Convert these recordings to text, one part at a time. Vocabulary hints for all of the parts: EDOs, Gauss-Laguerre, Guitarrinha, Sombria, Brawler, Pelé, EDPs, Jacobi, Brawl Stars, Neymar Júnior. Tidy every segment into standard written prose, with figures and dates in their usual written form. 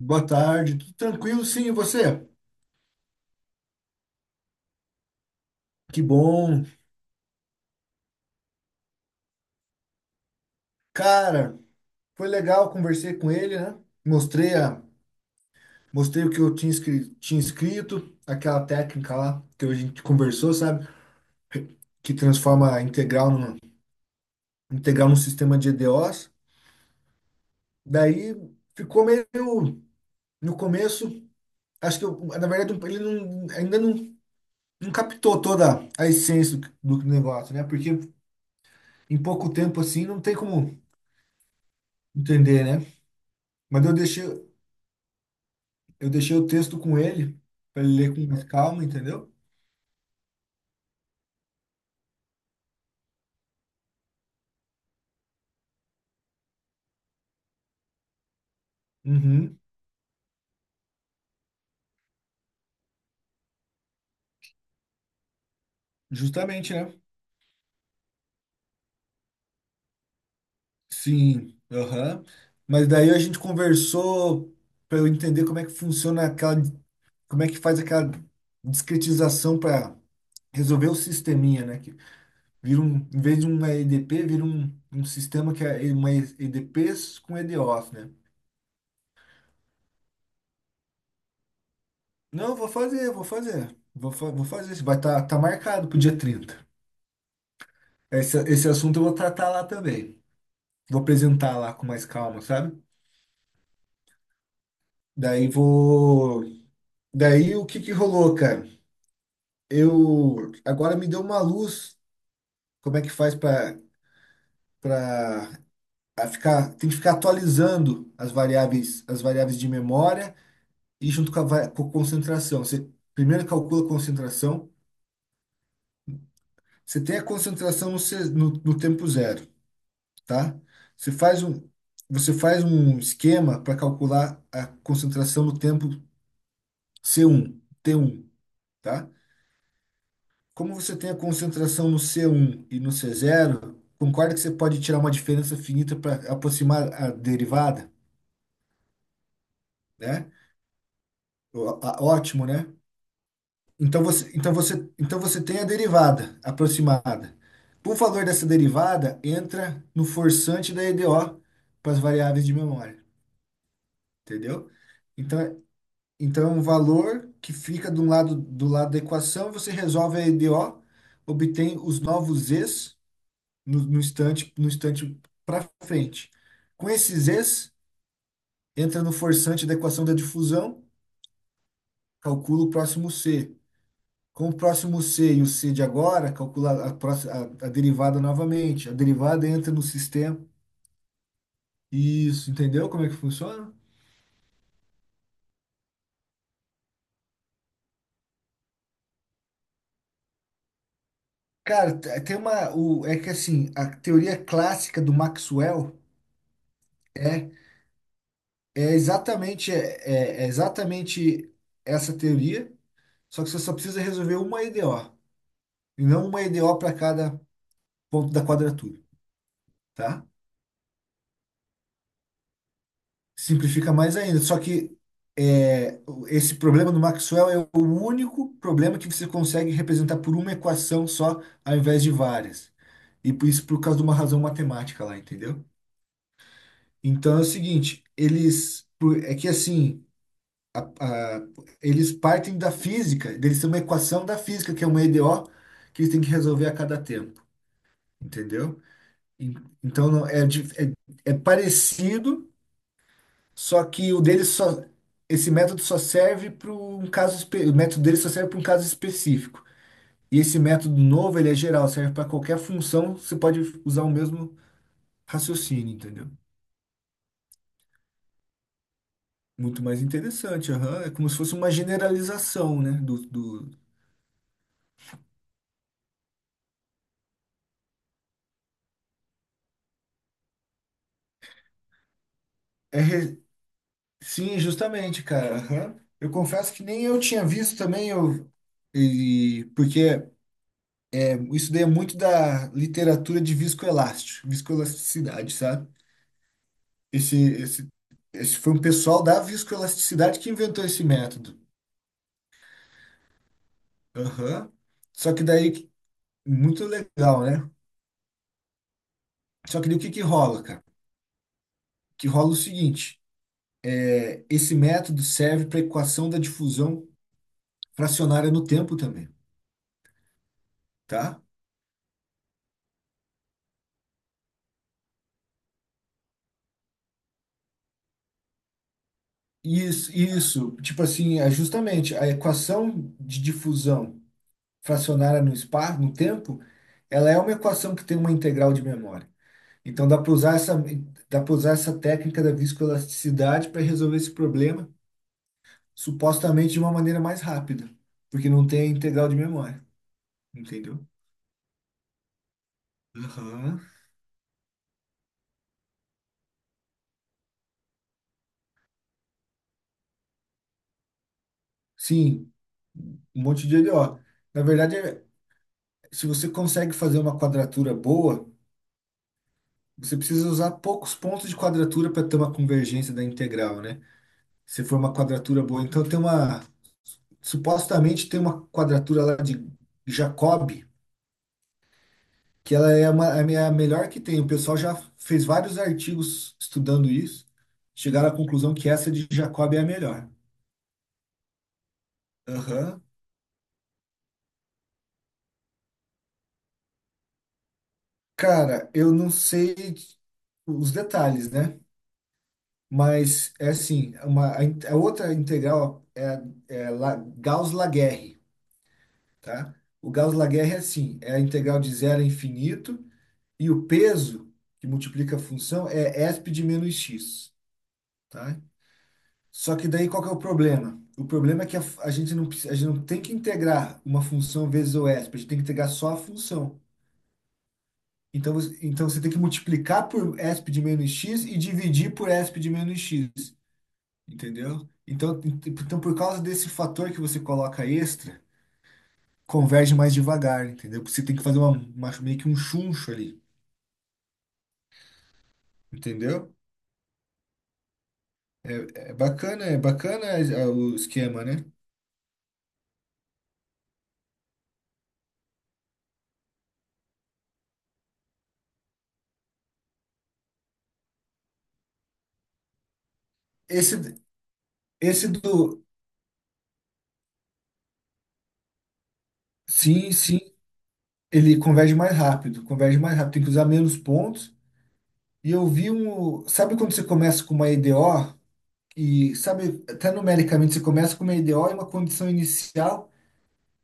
Boa tarde, tudo tranquilo? Sim, e você? Que bom. Cara, foi legal, conversei com ele, né? Mostrei, a, mostrei o que eu tinha, tinha escrito, aquela técnica lá que a gente conversou, sabe? Que transforma a integral num sistema de EDOs. Daí ficou meio no começo, acho que eu, na verdade ele não, ainda não, não captou toda a essência do negócio, né? Porque em pouco tempo assim não tem como entender, né? Mas eu deixei. Eu deixei o texto com ele, para ele ler com mais calma, entendeu? Uhum, justamente, né? Sim, aham. Mas daí a gente conversou para eu entender como é que faz aquela discretização para resolver o sisteminha, né? Que em vez de uma EDP, vira um sistema que é uma EDPs com EDOs, né? Não, vou fazer, vou fazer. Vou fazer. Isso. Tá, marcado pro dia 30. Esse assunto eu vou tratar lá também. Vou apresentar lá com mais calma, sabe? Daí vou. Daí o que que rolou, cara? Eu agora me deu uma luz. Como é que faz para ficar? Tem que ficar atualizando as variáveis de memória e junto com com a concentração. Você primeiro calcula a concentração. Você tem a concentração no tempo zero, tá? Você faz um você faz um esquema para calcular a concentração no tempo C1, T1, tá? Como você tem a concentração no C1 e no C0, concorda que você pode tirar uma diferença finita para aproximar a derivada, né? Ótimo, né? Então você tem a derivada aproximada. O valor dessa derivada entra no forçante da EDO para as variáveis de memória, entendeu? Então, é- então é um valor que fica do lado, da equação, você resolve a EDO, obtém os novos z no instante para frente. Com esses Es, entra no forçante da equação da difusão, calcula o próximo C. Com o próximo C e o C de agora, calcula a, próxima, a derivada novamente. A derivada entra no sistema. Isso, entendeu como é que funciona? Cara, tem uma. É que assim, a teoria clássica do Maxwell é, é exatamente, é, é é exatamente essa teoria, só que você só precisa resolver uma EDO. E não uma EDO para cada ponto da quadratura, tá? Simplifica mais ainda. Só que esse problema do Maxwell é o único problema que você consegue representar por uma equação só, ao invés de várias. E por causa de uma razão matemática lá, entendeu? Então é o seguinte, eles por- é que assim, a- eles partem da física, eles têm uma equação da física, que é uma EDO, que eles têm que resolver a cada tempo, entendeu? En- Então não- é, dif- é é parecido. Só que o dele só. Esse método só serve para um caso. O método dele só serve para um caso específico. E esse método novo, ele é geral, serve para qualquer função, você pode usar o mesmo raciocínio, entendeu? Muito mais interessante, aham. É como se fosse uma generalização, né? É re- Sim, justamente, cara. Aham. Eu confesso que nem eu tinha visto também, porque isso daí é muito da literatura de viscoelasticidade, sabe? Esse, esse, esse foi um pessoal da viscoelasticidade que inventou esse método. Aham. Só que daí, muito legal, né? Só que daí o que que rola, cara? Que rola é o seguinte, esse método serve para equação da difusão fracionária no tempo também, tá? Isso, tipo assim, é justamente a equação de difusão fracionária no espaço, no tempo, ela é uma equação que tem uma integral de memória. Então dá para usar essa técnica da viscoelasticidade para resolver esse problema, supostamente de uma maneira mais rápida, porque não tem a integral de memória, entendeu? Aham. Sim, um monte de LO. Na verdade, se você consegue fazer uma quadratura boa, você precisa usar poucos pontos de quadratura para ter uma convergência da integral, né? Se for uma quadratura boa, então tem uma supostamente tem uma quadratura lá de Jacob que ela é é a minha melhor que tem. O pessoal já fez vários artigos estudando isso, chegaram à conclusão que essa de Jacob é a melhor. Aham. Cara, eu não sei os detalhes, né? Mas é assim, a outra integral é Gauss-Laguerre, tá? O Gauss-Laguerre é assim, é a integral de zero a infinito e o peso que multiplica a função é esp de menos x, tá? Só que daí qual que é o problema? O problema é que a gente não tem que integrar uma função vezes o E s p, a gente tem que integrar só a função. Então, você tem que multiplicar por E s p de menos x e dividir por E s p de menos x, entendeu? Então, então por causa desse fator que você coloca extra, converge mais devagar, entendeu? Porque você tem que fazer meio que um chuncho ali, entendeu? É bacana, é bacana é o esquema, né? Esse, esse do. Sim, sim. Ele converge mais rápido, tem que usar menos pontos. E eu vi um. Sabe quando você começa com uma EDO? E sabe, até numericamente você começa com uma EDO e uma condição inicial,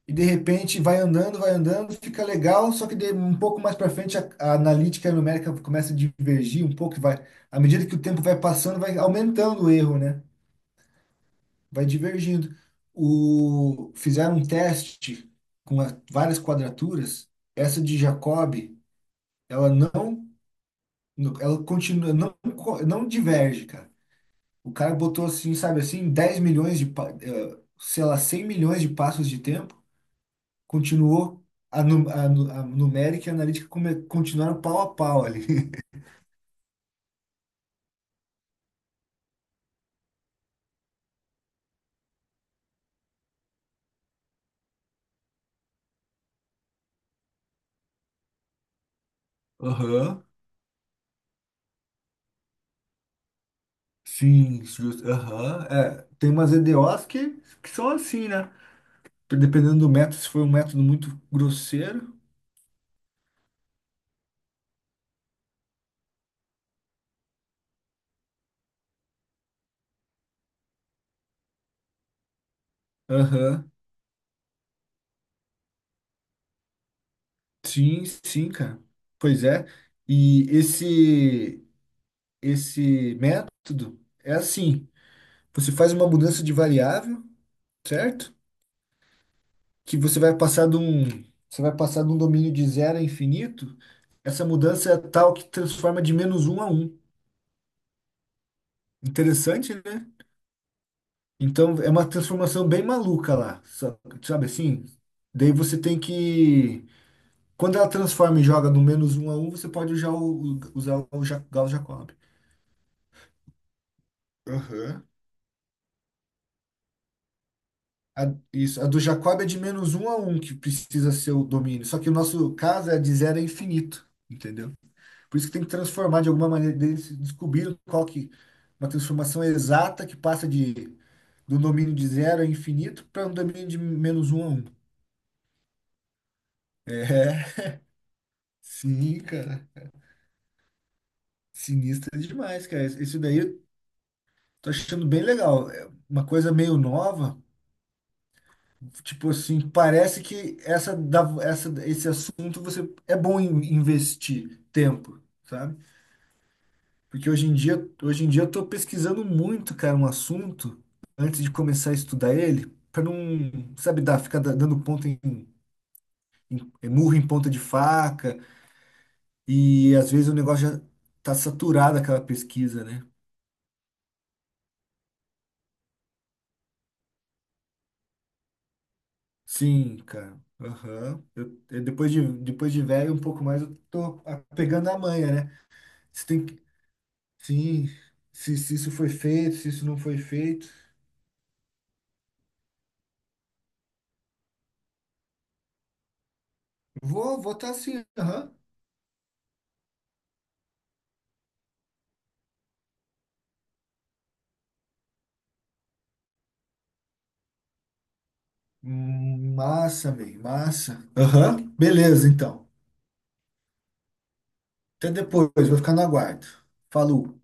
e de repente vai andando, fica legal, só que um pouco mais para frente a analítica e a numérica começa a divergir um pouco, e vai, à medida que o tempo vai passando, vai aumentando o erro, né? Vai divergindo. Fizeram um teste várias quadraturas, essa de Jacobi, ela não ela continua, não, não diverge, cara. O cara botou assim, sabe assim, 10 milhões de, sei lá, 100 milhões de passos de tempo, continuou, a numérica e a analítica continuaram pau a pau ali. Aham, Sim, justo. Aham, é. Tem umas EDOs que são assim, né? Dependendo do método, se foi um método muito grosseiro. Aham, Sim, sim, cara. Pois é. E esse método é assim. Você faz uma mudança de variável, certo? Que você vai passar de um domínio de zero a infinito. Essa mudança é tal que transforma de menos um a um. Interessante, né? Então é uma transformação bem maluca lá, sabe assim? Daí você tem que, quando ela transforma e joga no menos um a um, você pode já usar o Gauss Jacob. Aham. A, isso, a do Jacob é de menos um a um que precisa ser o domínio. Só que o nosso caso é de zero a infinito, entendeu? Por isso que tem que transformar de alguma maneira, eles descobriram qual que uma transformação exata que passa de do domínio de zero a infinito para um domínio de menos um a um. É, sim, cara. Sinistro demais, cara. Isso daí eu tô achando bem legal. É uma coisa meio nova, tipo assim, parece que esse assunto você é bom em investir tempo, sabe? Porque hoje em dia eu tô pesquisando muito, cara, um assunto antes de começar a estudar ele, para não, sabe, ficar dando ponto murro em ponta de faca, e às vezes o negócio já tá saturado aquela pesquisa, né? Sim, cara. Aham. Depois de velho um pouco mais eu tô pegando a manha, né? Você tem que, sim, se isso foi feito, se isso não foi feito. Vou estar tá assim, aham. Massa, velho, massa. Aham, beleza, então. Até depois, vou ficar no aguardo. Falou.